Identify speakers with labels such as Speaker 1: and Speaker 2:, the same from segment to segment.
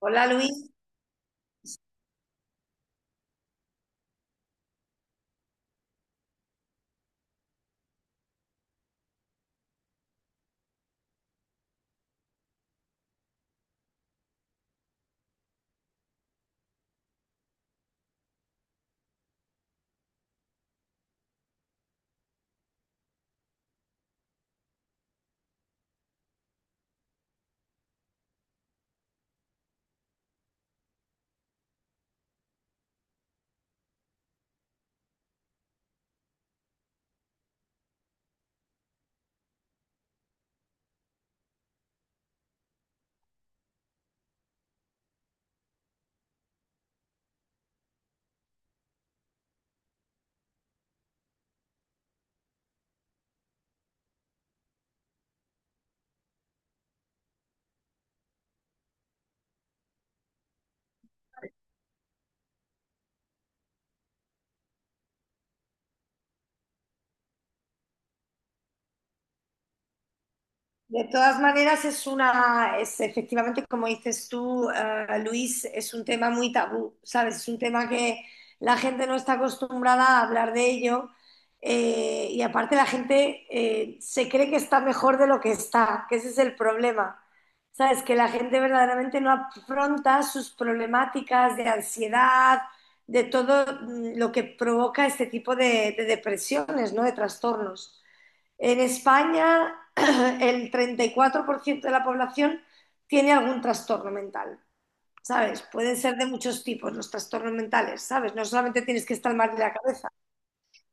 Speaker 1: Hola Luis. De todas maneras es una, es efectivamente como dices tú, Luis, es un tema muy tabú, ¿sabes? Es un tema que la gente no está acostumbrada a hablar de ello. Y aparte la gente, se cree que está mejor de lo que está, que ese es el problema, ¿sabes? Que la gente verdaderamente no afronta sus problemáticas de ansiedad, de todo, lo que provoca este tipo de depresiones, ¿no? De trastornos. En España, el 34% de la población tiene algún trastorno mental, ¿sabes? Pueden ser de muchos tipos los trastornos mentales, ¿sabes? No solamente tienes que estar mal de la cabeza.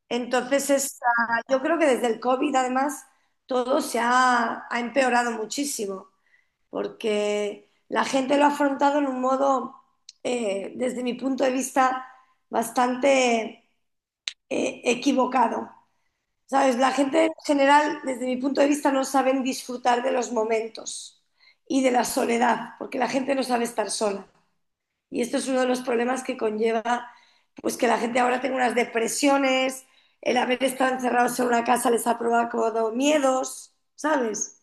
Speaker 1: Entonces, es, yo creo que desde el COVID, además, todo ha empeorado muchísimo, porque la gente lo ha afrontado en un modo, desde mi punto de vista, bastante equivocado. ¿Sabes? La gente en general, desde mi punto de vista, no saben disfrutar de los momentos y de la soledad, porque la gente no sabe estar sola. Y esto es uno de los problemas que conlleva, pues que la gente ahora tenga unas depresiones. El haber estado encerrados en una casa les ha provocado miedos, ¿sabes?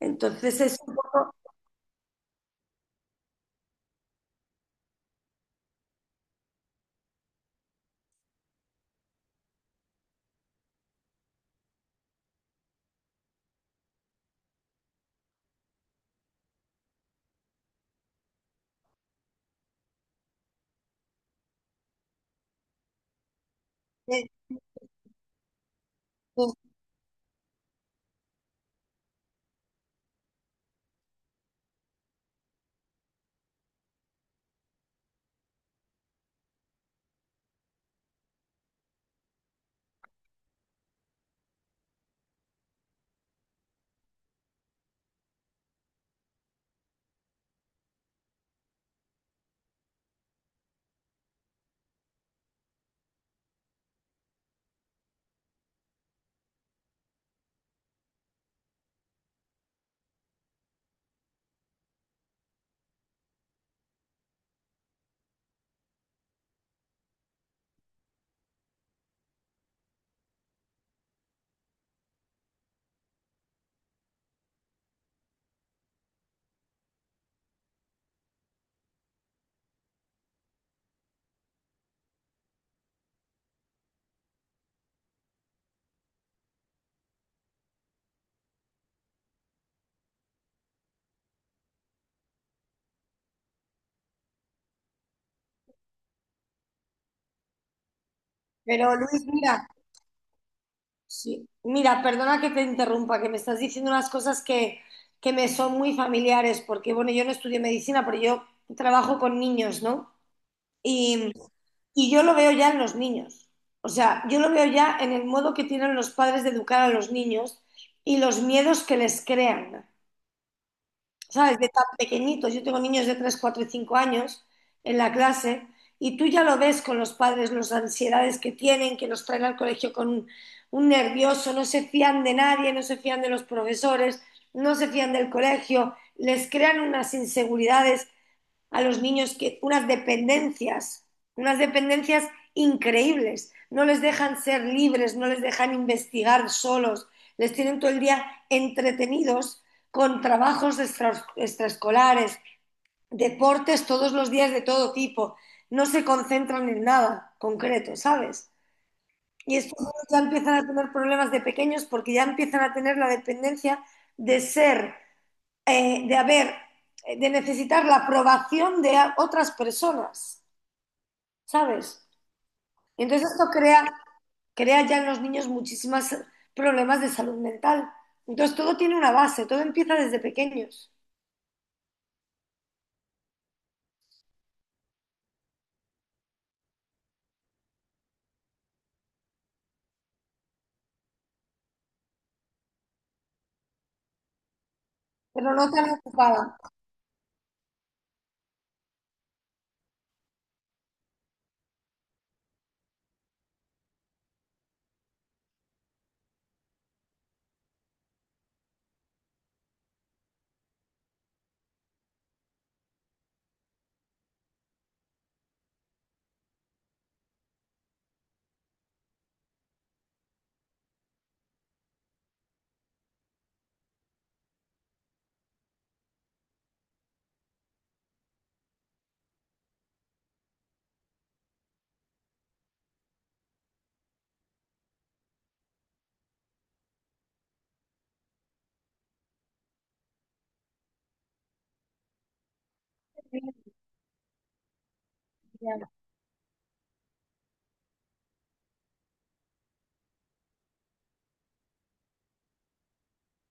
Speaker 1: Entonces es un poco... eh, eh, Pero Luis, mira. Sí. Mira, perdona que te interrumpa, que me estás diciendo unas cosas que me son muy familiares, porque bueno, yo no estudié medicina, pero yo trabajo con niños, ¿no? Y, y yo lo veo ya en los niños. O sea, yo lo veo ya en el modo que tienen los padres de educar a los niños y los miedos que les crean. ¿Sabes? De tan pequeñitos. Yo tengo niños de 3, 4 y 5 años en la clase y tú ya lo ves con los padres, las ansiedades que tienen, que los traen al colegio con un nervioso, no se fían de nadie, no se fían de los profesores, no se fían del colegio, les crean unas inseguridades a los niños, que unas dependencias increíbles. No les dejan ser libres, no les dejan investigar solos, les tienen todo el día entretenidos con trabajos extra, extraescolares, deportes todos los días de todo tipo. No se concentran en nada concreto, ¿sabes? Y estos niños ya empiezan a tener problemas de pequeños porque ya empiezan a tener la dependencia de ser, eh, de haber, de necesitar la aprobación de otras personas, ¿sabes? Y entonces esto crea, crea ya en los niños muchísimos problemas de salud mental. Entonces todo tiene una base, todo empieza desde pequeños, pero no tan ocupada.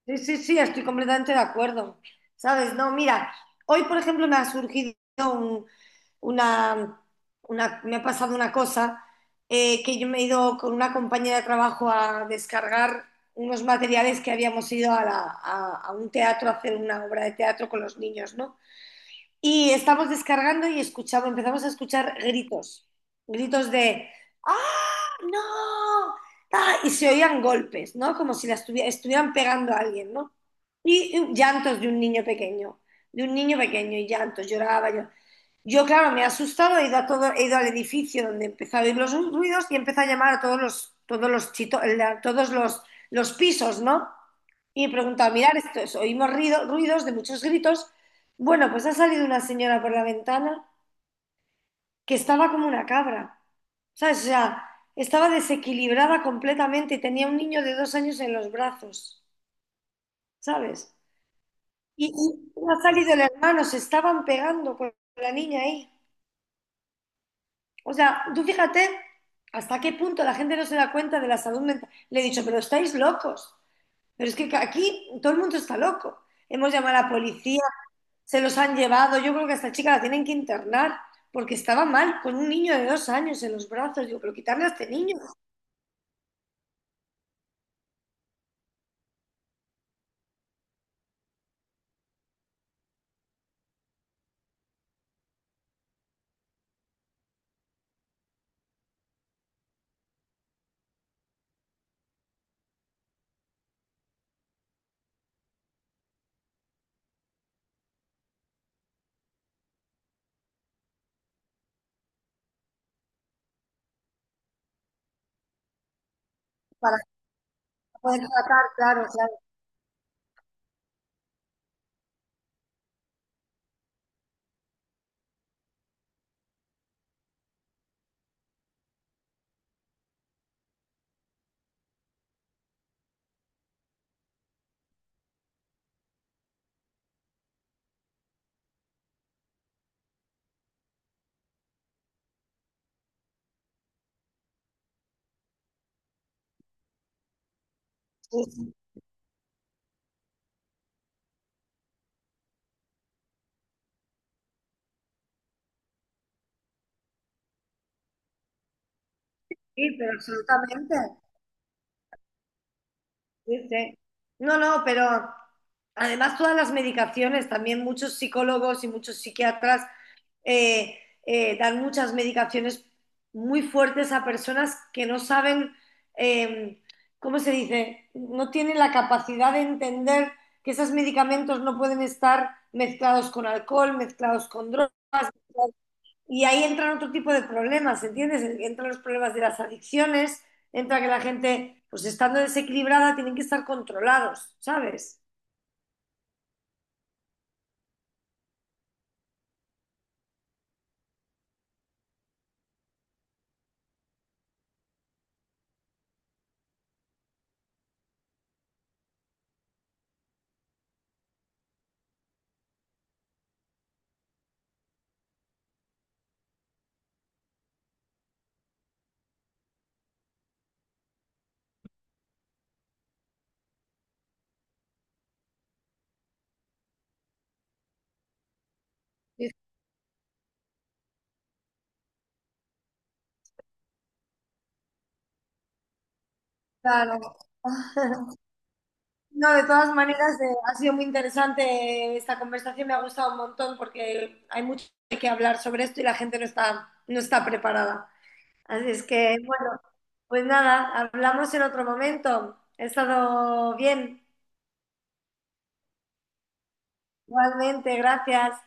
Speaker 1: Sí, sí, sí, estoy completamente de acuerdo. ¿Sabes? No, mira, hoy por ejemplo me ha surgido un- una, una- me ha pasado una cosa, que yo me he ido con una compañera de trabajo a descargar unos materiales que habíamos ido a, la- a un teatro a hacer una obra de teatro con los niños, ¿no? Y estamos descargando y escuchamos, empezamos a escuchar gritos, gritos de ¡ah, no! ¡Ah! Y se oían golpes, ¿no? Como si la estuvi- estuvieran pegando a alguien, ¿no? Y llantos de un niño pequeño, de un niño pequeño y llantos, lloraba yo. Yo, claro, me he asustado, he ido a todo, he ido al edificio donde empezaba a oír los ruidos y empezó a llamar a todos los chito- la- todos los pisos, ¿no? Y he preguntado, mirar, esto es, oímos ruido- ruidos de muchos gritos, bueno, pues ha salido una señora por la ventana que estaba como una cabra, ¿sabes? O sea, estaba desequilibrada completamente y tenía un niño de dos años en los brazos, ¿sabes? Y no ha salido el hermano, se estaban pegando con la niña ahí. O sea, tú fíjate hasta qué punto la gente no se da cuenta de la salud mental. Le he dicho, pero estáis locos. Pero es que aquí todo el mundo está loco. Hemos llamado a la policía, se los han llevado. Yo creo que a esta chica la tienen que internar porque estaba mal con un niño de dos años en los brazos. Digo, pero quitarle a este niño para poder tratar, claro, claro. Sí, sí, sí, pero absolutamente. Sí, sí. No, no, pero además todas las medicaciones, también muchos psicólogos y muchos psiquiatras, eh, dan muchas medicaciones muy fuertes a personas que no saben, eh, ¿cómo se dice? No tienen la capacidad de entender que esos medicamentos no pueden estar mezclados con alcohol, mezclados con drogas. Y ahí entran otro tipo de problemas, ¿entiendes? Entran los problemas de las adicciones, entra que la gente, pues estando desequilibrada, tienen que estar controlados, ¿sabes? Y claro. No, de todas maneras, ha sido muy interesante esta conversación, me ha gustado un montón porque hay mucho que hablar sobre esto y la gente no está, no está preparada. Así es que, bueno, pues nada, hablamos en otro momento. He estado bien, igualmente, gracias.